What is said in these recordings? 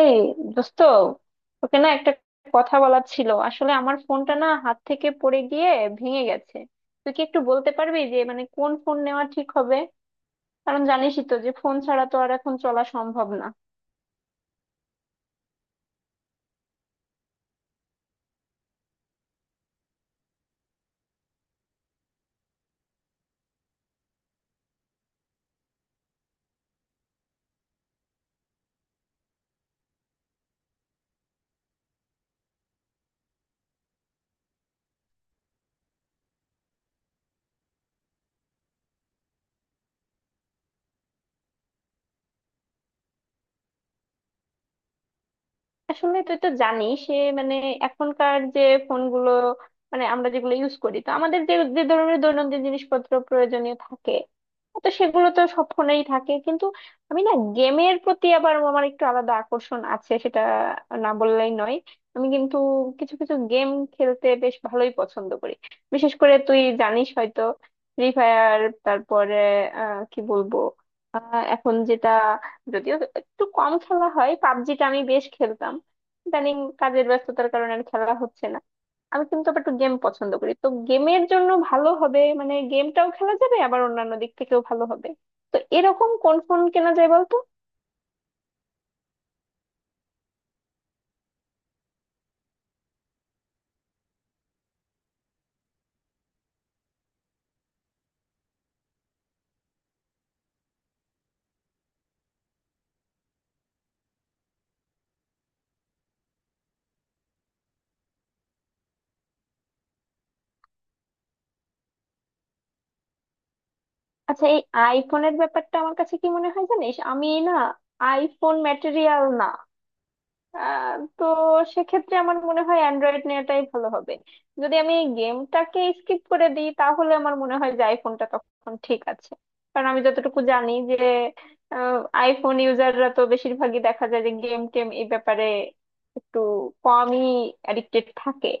এই দোস্ত, তোকে না একটা কথা বলার ছিল। আসলে আমার ফোনটা না হাত থেকে পড়ে গিয়ে ভেঙে গেছে। তুই কি একটু বলতে পারবি যে মানে কোন ফোন নেওয়া ঠিক হবে? কারণ জানিসই তো যে ফোন ছাড়া তো আর এখন চলা সম্ভব না। আসলে তুই তো জানিস সে মানে এখনকার যে ফোনগুলো মানে আমরা যেগুলো ইউজ করি, তো আমাদের যে যে ধরনের দৈনন্দিন জিনিসপত্র প্রয়োজনীয় থাকে, তো সেগুলো তো সব ফোনেই থাকে। কিন্তু আমি না গেমের প্রতি আবার আমার একটু আলাদা আকর্ষণ আছে, সেটা না বললেই নয়। আমি কিন্তু কিছু কিছু গেম খেলতে বেশ ভালোই পছন্দ করি। বিশেষ করে তুই জানিস হয়তো ফ্রি ফায়ার, তারপরে কি বলবো, এখন যেটা যদিও একটু কম খেলা হয়, পাবজিটা আমি বেশ খেলতাম। ইদানিং কাজের ব্যস্ততার কারণে আর খেলা হচ্ছে না। আমি কিন্তু আবার একটু গেম পছন্দ করি, তো গেমের জন্য ভালো হবে মানে গেমটাও খেলা যাবে আবার অন্যান্য দিক থেকেও ভালো হবে। তো এরকম কোন ফোন কেনা যায় বলতো? আচ্ছা, এই আইফোনের ব্যাপারটা আমার কাছে কি মনে হয় জানিস, আমি না আইফোন ম্যাটেরিয়াল না। আহ, তো সেক্ষেত্রে আমার মনে হয় অ্যান্ড্রয়েড নেওয়াটাই ভালো হবে। যদি আমি এই গেমটাকে স্কিপ করে দিই তাহলে আমার মনে হয় যে আইফোনটা তখন ঠিক আছে। কারণ আমি যতটুকু জানি যে আইফোন ইউজাররা তো বেশিরভাগই দেখা যায় যে গেম টেম এই ব্যাপারে একটু কমই অ্যাডিক্টেড থাকে।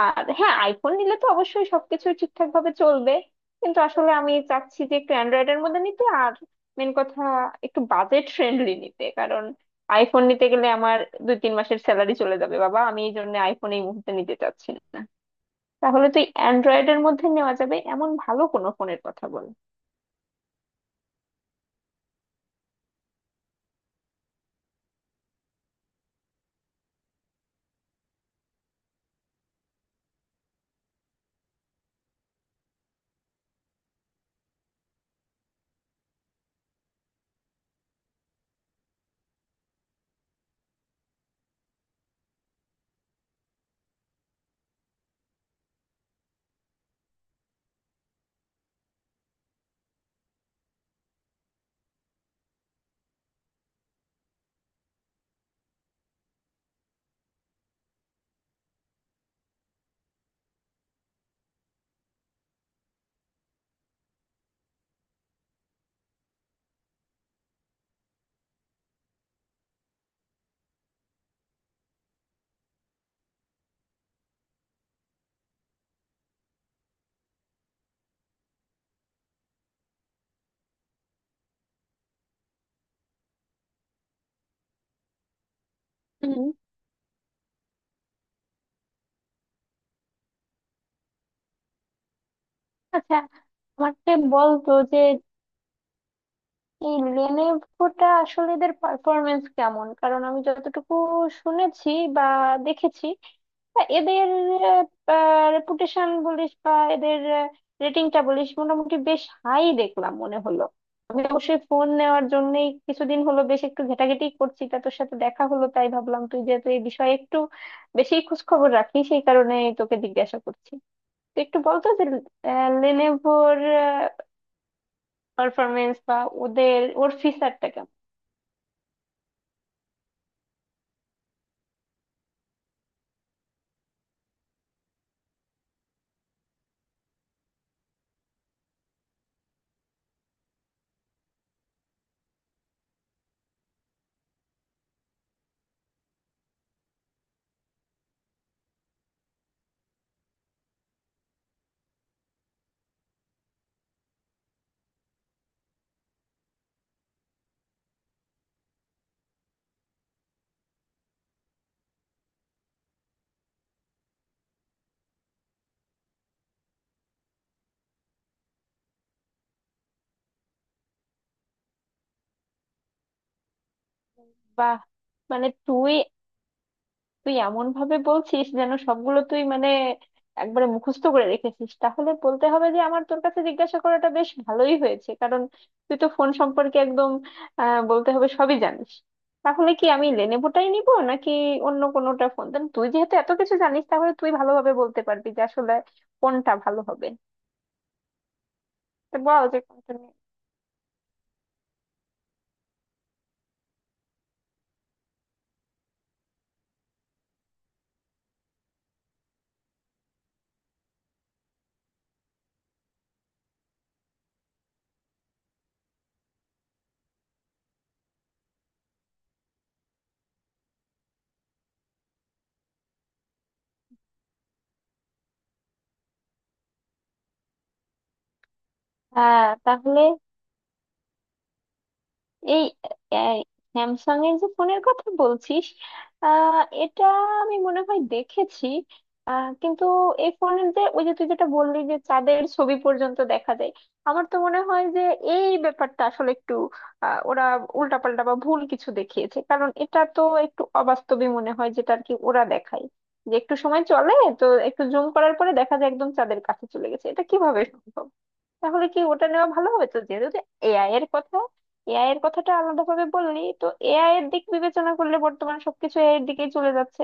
আর হ্যাঁ, আইফোন নিলে তো অবশ্যই সবকিছু ঠিকঠাক ভাবে চলবে। কিন্তু আসলে আমি চাচ্ছি যে একটু অ্যান্ড্রয়েডের মধ্যে নিতে, আর মেন কথা একটু বাজেট ফ্রেন্ডলি নিতে। কারণ আইফোন নিতে গেলে আমার 2-3 মাসের স্যালারি চলে যাবে বাবা। আমি এই জন্য আইফোন এই মুহূর্তে নিতে চাচ্ছি না। তাহলে তুই অ্যান্ড্রয়েডের মধ্যে নেওয়া যাবে এমন ভালো কোনো ফোনের কথা বল। হুম। আচ্ছা, আমাকে বল তো যে এই লেনেভোটা আসলে এদের পারফরমেন্স কেমন? কারণ আমি যতটুকু শুনেছি বা দেখেছি, তা এদের রেপুটেশন বলিস বা এদের রেটিংটা বলিস, মোটামুটি বেশ হাই দেখলাম মনে হলো। আমি অবশ্যই ফোন নেওয়ার জন্যই কিছুদিন হলো বেশ একটু ঘেটাঘেটি করছি, তা তোর সাথে দেখা হলো তাই ভাবলাম তুই যেহেতু এই বিষয়ে একটু বেশি খোঁজ খবর রাখিস সেই কারণে তোকে জিজ্ঞাসা করছি। তুই একটু বলতো যে লেনেভোর পারফরমেন্স বা ওদের ওর ফিচারটা। বাহ! মানে তুই তুই এমন ভাবে বলছিস যেন সবগুলো তুই মানে একবারে মুখস্থ করে রেখেছিস। তাহলে বলতে হবে যে আমার তোর কাছে জিজ্ঞাসা করাটা বেশ ভালোই হয়েছে। কারণ তুই তো ফোন সম্পর্কে একদম বলতে হবে সবই জানিস। তাহলে কি আমি লেনেভোটাই নিব নাকি অন্য কোনোটা ফোন দেন? তুই যেহেতু এত কিছু জানিস তাহলে তুই ভালোভাবে বলতে পারবি যে আসলে কোনটা ভালো হবে। তো বল যে কোনটা নিয়ে- হ্যাঁ, তাহলে এই স্যামসাং এর যে ফোনের কথা বলছিস আহ এটা আমি মনে হয় দেখেছি। কিন্তু এই ফোনের যে ওই যে তুই যেটা বললি যে চাঁদের ছবি পর্যন্ত দেখা যায়, আমার তো মনে হয় যে এই ব্যাপারটা আসলে একটু ওরা উল্টাপাল্টা বা ভুল কিছু দেখিয়েছে। কারণ এটা তো একটু অবাস্তবই মনে হয় যেটা আর কি ওরা দেখায়, যে একটু সময় চলে, তো একটু জুম করার পরে দেখা যায় একদম চাঁদের কাছে চলে গেছে। এটা কিভাবে সম্ভব? তাহলে কি ওটা নেওয়া ভালো হবে? তো যেহেতু এআই এর কথা, এআই এর কথাটা আলাদা ভাবে বললি, তো এআই এর দিক বিবেচনা করলে বর্তমানে সবকিছু এআই এর দিকেই চলে যাচ্ছে।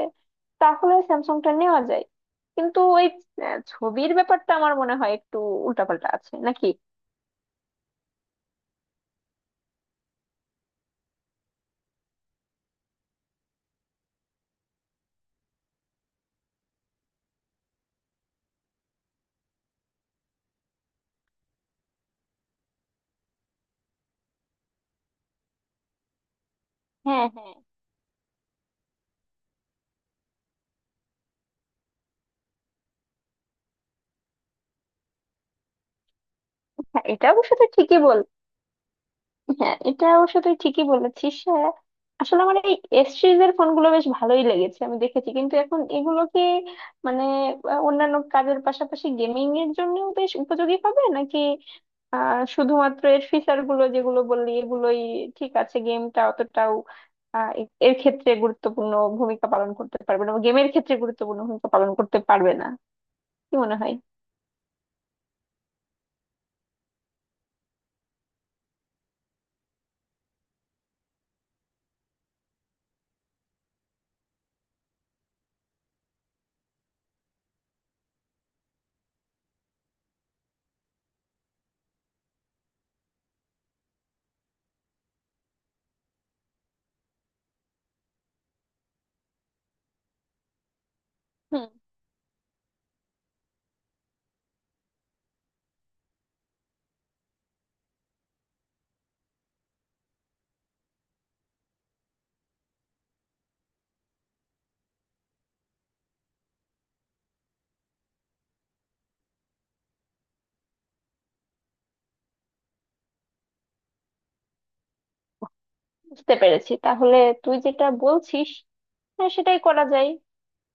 তাহলে স্যামসাংটা নেওয়া যায়। কিন্তু ওই ছবির ব্যাপারটা আমার মনে হয় একটু উল্টাপাল্টা আছে নাকি। হ্যাঁ, হ্যাঁ। হ্যাঁ, এটা অবশ্য তুই ঠিকই বল। হ্যাঁ, এটা অবশ্য তুই ঠিকই বলেছিস, হ্যাঁ। আসলে আমার এই এস সিরিজের ফোনগুলো বেশ ভালোই লেগেছে, আমি দেখেছি। কিন্তু এখন এগুলোকে মানে অন্যান্য কাজের পাশাপাশি গেমিং এর জন্য বেশ উপযোগী হবে নাকি? শুধুমাত্র এর ফিচার গুলো যেগুলো বললি এগুলোই ঠিক আছে? গেমটা অতটাও এর ক্ষেত্রে গুরুত্বপূর্ণ ভূমিকা পালন করতে পারবে না, গেমের ক্ষেত্রে গুরুত্বপূর্ণ ভূমিকা পালন করতে পারবে না? কি মনে হয়? হুম। বুঝতে পেরেছি তাহলে তুই যেটা বলছিস। হ্যাঁ, সেটাই করা যায়।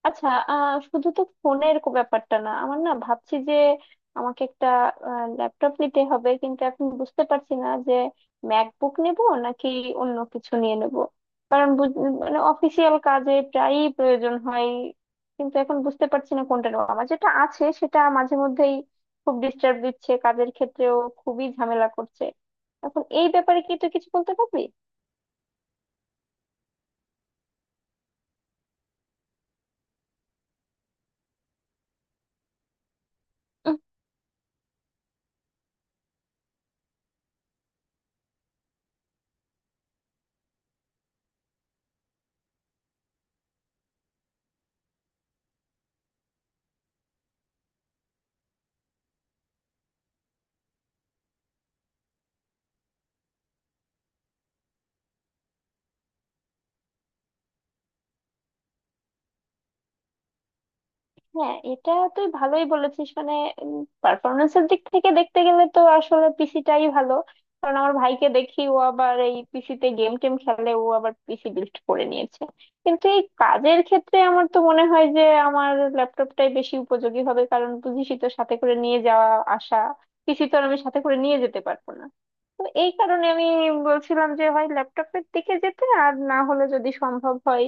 আচ্ছা, আহ শুধু তো ফোনের ব্যাপারটা না, আমার না ভাবছি যে আমাকে একটা ল্যাপটপ নিতে হবে। কিন্তু এখন বুঝতে পারছি না যে ম্যাকবুক নেব নাকি অন্য কিছু নিয়ে নেব। কারণ মানে অফিসিয়াল কাজে প্রায়ই প্রয়োজন হয়। কিন্তু এখন বুঝতে পারছি না কোনটা নেব। আমার যেটা আছে সেটা মাঝে মধ্যেই খুব ডিস্টার্ব দিচ্ছে কাজের ক্ষেত্রেও, খুবই ঝামেলা করছে। এখন এই ব্যাপারে কি তুই কিছু বলতে পারবি? হ্যাঁ, এটা তুই ভালোই বলেছিস। মানে পারফরমেন্সের দিক থেকে দেখতে গেলে তো আসলে পিসিটাই ভালো। কারণ আমার ভাইকে দেখি ও আবার এই পিসিতে গেম টেম খেলে, ও আবার পিসি বিল্ড করে নিয়েছে। কিন্তু এই কাজের ক্ষেত্রে আমার তো মনে হয় যে আমার ল্যাপটপটাই বেশি উপযোগী হবে। কারণ বুঝিসই তো সাথে করে নিয়ে যাওয়া আসা, পিসি তো আর আমি সাথে করে নিয়ে যেতে পারবো না। তো এই কারণে আমি বলছিলাম যে হয় ল্যাপটপের দিকে যেতে, আর না হলে যদি সম্ভব হয়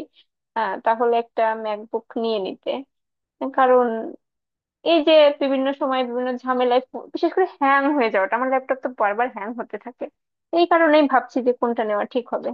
তাহলে একটা ম্যাকবুক নিয়ে নিতে। কারণ এই যে বিভিন্ন সময় বিভিন্ন ঝামেলায় বিশেষ করে হ্যাং হয়ে যাওয়াটা, আমার ল্যাপটপ তো বারবার হ্যাং হতে থাকে। এই কারণেই ভাবছি যে কোনটা নেওয়া ঠিক হবে।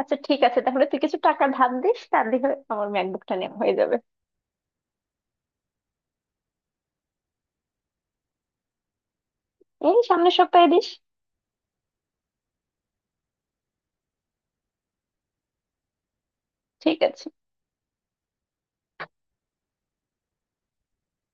আচ্ছা ঠিক আছে, তাহলে তুই কিছু টাকা ধার দিস, তার দিয়ে আমার ম্যাকবুকটা নেওয়া হয়ে যাবে। এই সামনের সপ্তাহে দিস। ঠিক আছে।